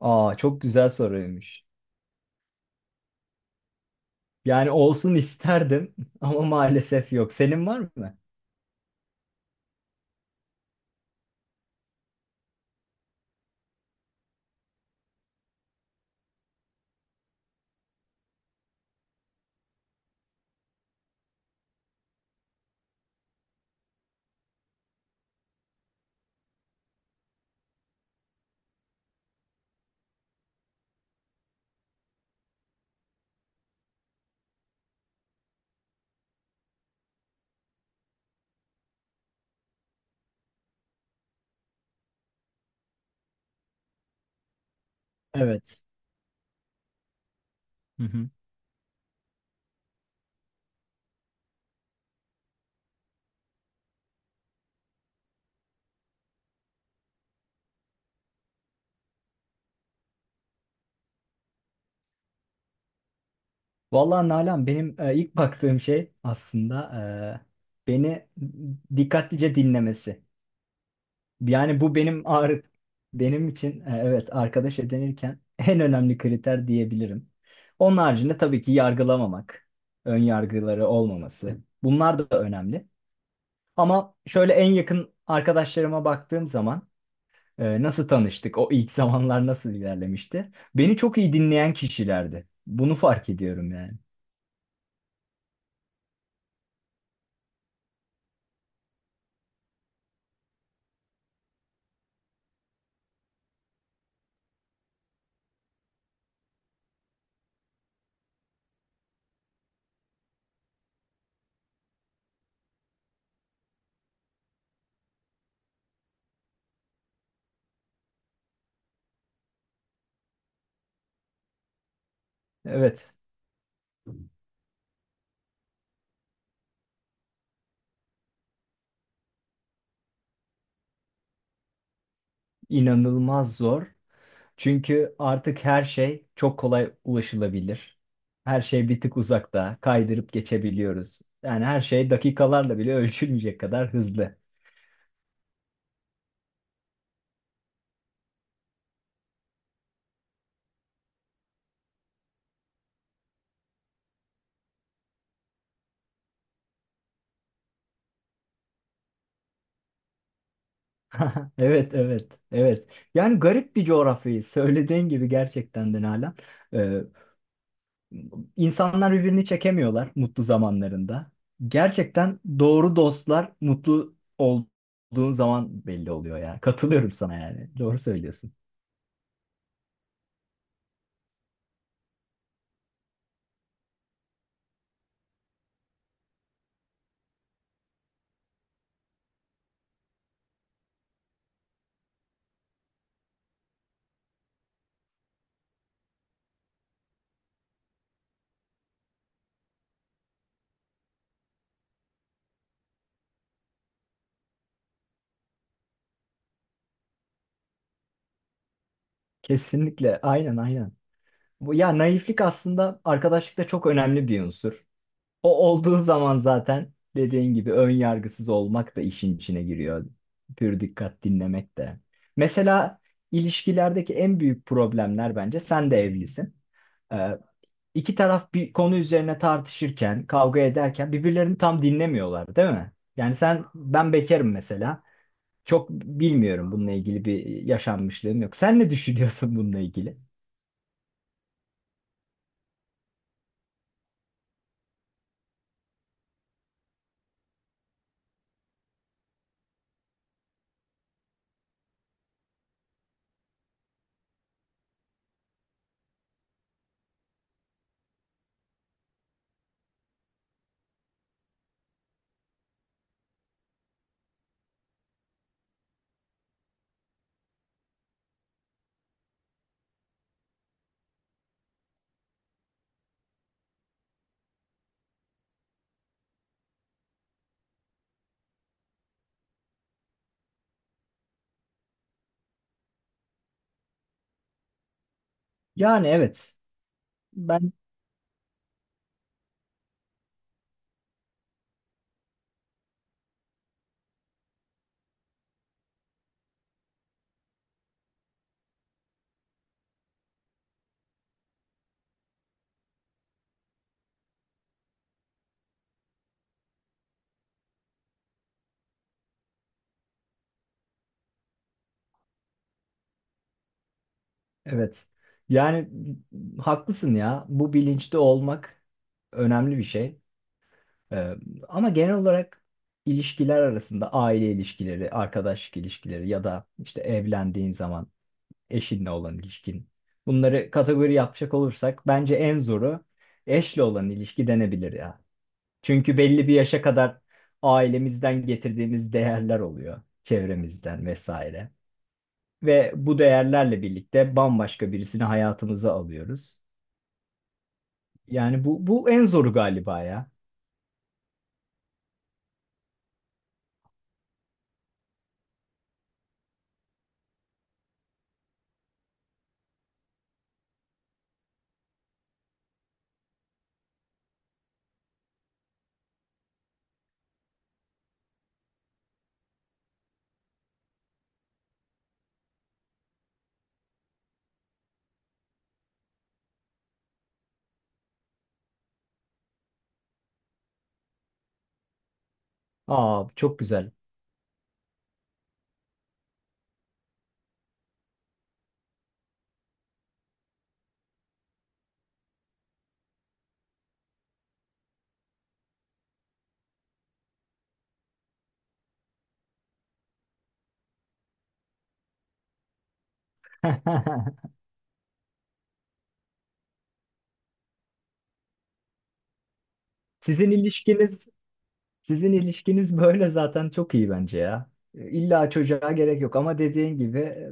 Aa çok güzel soruymuş. Yani olsun isterdim ama maalesef yok. Senin var mı? Evet. Hı hı. Vallahi Nalan benim ilk baktığım şey aslında beni dikkatlice dinlemesi. Yani bu benim ağrı benim için evet arkadaş edinirken en önemli kriter diyebilirim. Onun haricinde tabii ki yargılamamak, ön yargıları olmaması. Bunlar da önemli. Ama şöyle en yakın arkadaşlarıma baktığım zaman, nasıl tanıştık? O ilk zamanlar nasıl ilerlemişti? Beni çok iyi dinleyen kişilerdi. Bunu fark ediyorum yani. Evet, inanılmaz zor. Çünkü artık her şey çok kolay ulaşılabilir. Her şey bir tık uzakta, kaydırıp geçebiliyoruz. Yani her şey dakikalarla bile ölçülmeyecek kadar hızlı. Evet, evet, evet. Yani garip bir coğrafyayı söylediğin gibi gerçekten de Nalan. İnsanlar birbirini çekemiyorlar mutlu zamanlarında. Gerçekten doğru dostlar mutlu olduğun zaman belli oluyor ya. Katılıyorum sana yani. Doğru söylüyorsun. Kesinlikle. Aynen aynen. Bu ya naiflik aslında arkadaşlıkta çok önemli bir unsur. O olduğu zaman zaten dediğin gibi ön yargısız olmak da işin içine giriyor. Pür dikkat dinlemek de. Mesela ilişkilerdeki en büyük problemler bence sen de evlisin. Ee, İki taraf bir konu üzerine tartışırken, kavga ederken birbirlerini tam dinlemiyorlar, değil mi? Yani sen, ben bekarım mesela. Çok bilmiyorum bununla ilgili bir yaşanmışlığım yok. Sen ne düşünüyorsun bununla ilgili? Yani evet. Ben evet. Yani haklısın ya. Bu bilinçli olmak önemli bir şey. Ee, ama genel olarak ilişkiler arasında aile ilişkileri, arkadaşlık ilişkileri ya da işte evlendiğin zaman eşinle olan ilişkin. Bunları kategori yapacak olursak bence en zoru eşle olan ilişki denebilir ya. Çünkü belli bir yaşa kadar ailemizden getirdiğimiz değerler oluyor, çevremizden vesaire. Ve bu değerlerle birlikte bambaşka birisini hayatımıza alıyoruz. Yani bu en zoru galiba ya. Aa çok güzel. Sizin ilişkiniz sizin ilişkiniz böyle zaten çok iyi bence ya. İlla çocuğa gerek yok ama dediğin gibi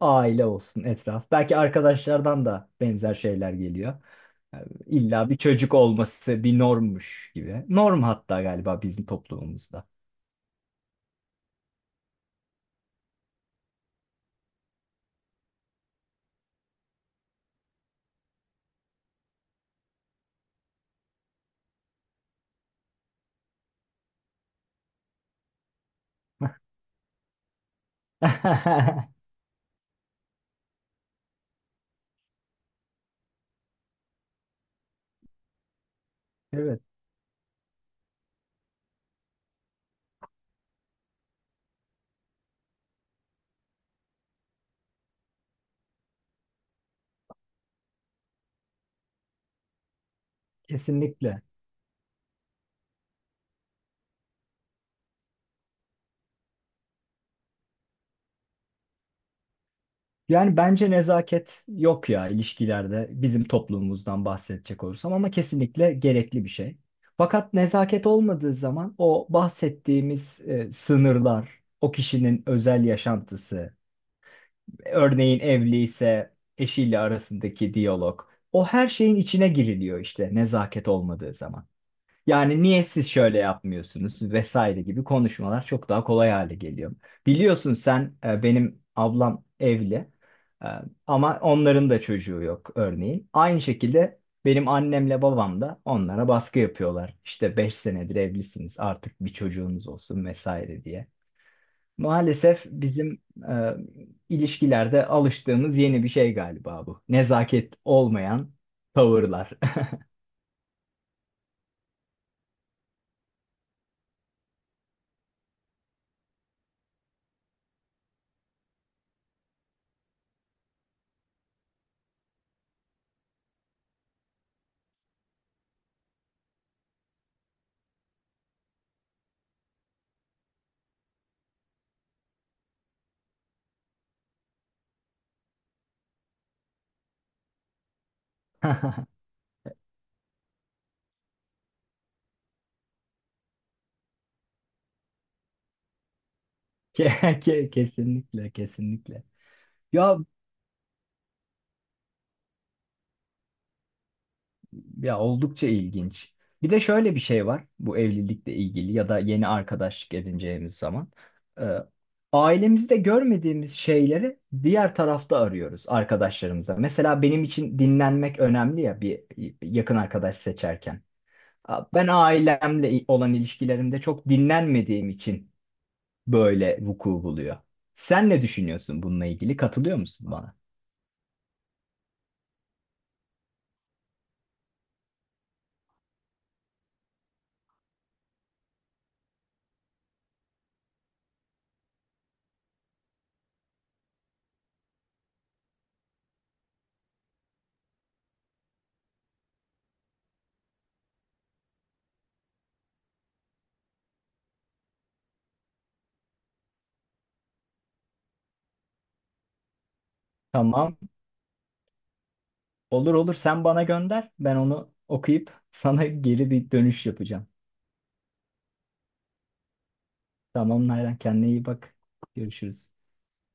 aile olsun etraf. Belki arkadaşlardan da benzer şeyler geliyor. Yani İlla bir çocuk olması bir normmuş gibi. Norm hatta galiba bizim toplumumuzda. Evet, kesinlikle. Yani bence nezaket yok ya ilişkilerde bizim toplumumuzdan bahsedecek olursam ama kesinlikle gerekli bir şey. Fakat nezaket olmadığı zaman o bahsettiğimiz sınırlar, o kişinin özel yaşantısı, örneğin evli ise eşiyle arasındaki diyalog, o her şeyin içine giriliyor işte nezaket olmadığı zaman. Yani niye siz şöyle yapmıyorsunuz vesaire gibi konuşmalar çok daha kolay hale geliyor. Biliyorsun sen benim ablam evli, e, ama onların da çocuğu yok örneğin. Aynı şekilde benim annemle babam da onlara baskı yapıyorlar. İşte 5 senedir evlisiniz artık bir çocuğunuz olsun vesaire diye. Maalesef bizim e, ilişkilerde alıştığımız yeni bir şey galiba bu. Nezaket olmayan tavırlar. Kesinlikle, kesinlikle. Ya ya oldukça ilginç. Bir de şöyle bir şey var bu evlilikle ilgili ya da yeni arkadaşlık edineceğimiz zaman. Ee, ailemizde görmediğimiz şeyleri diğer tarafta arıyoruz arkadaşlarımıza. Mesela benim için dinlenmek önemli ya bir yakın arkadaş seçerken. Ben ailemle olan ilişkilerimde çok dinlenmediğim için böyle vuku buluyor. Sen ne düşünüyorsun bununla ilgili? Katılıyor musun bana? Tamam. Olur olur, sen bana gönder. Ben onu okuyup sana geri bir dönüş yapacağım. Tamam Nalan, kendine iyi bak. Görüşürüz.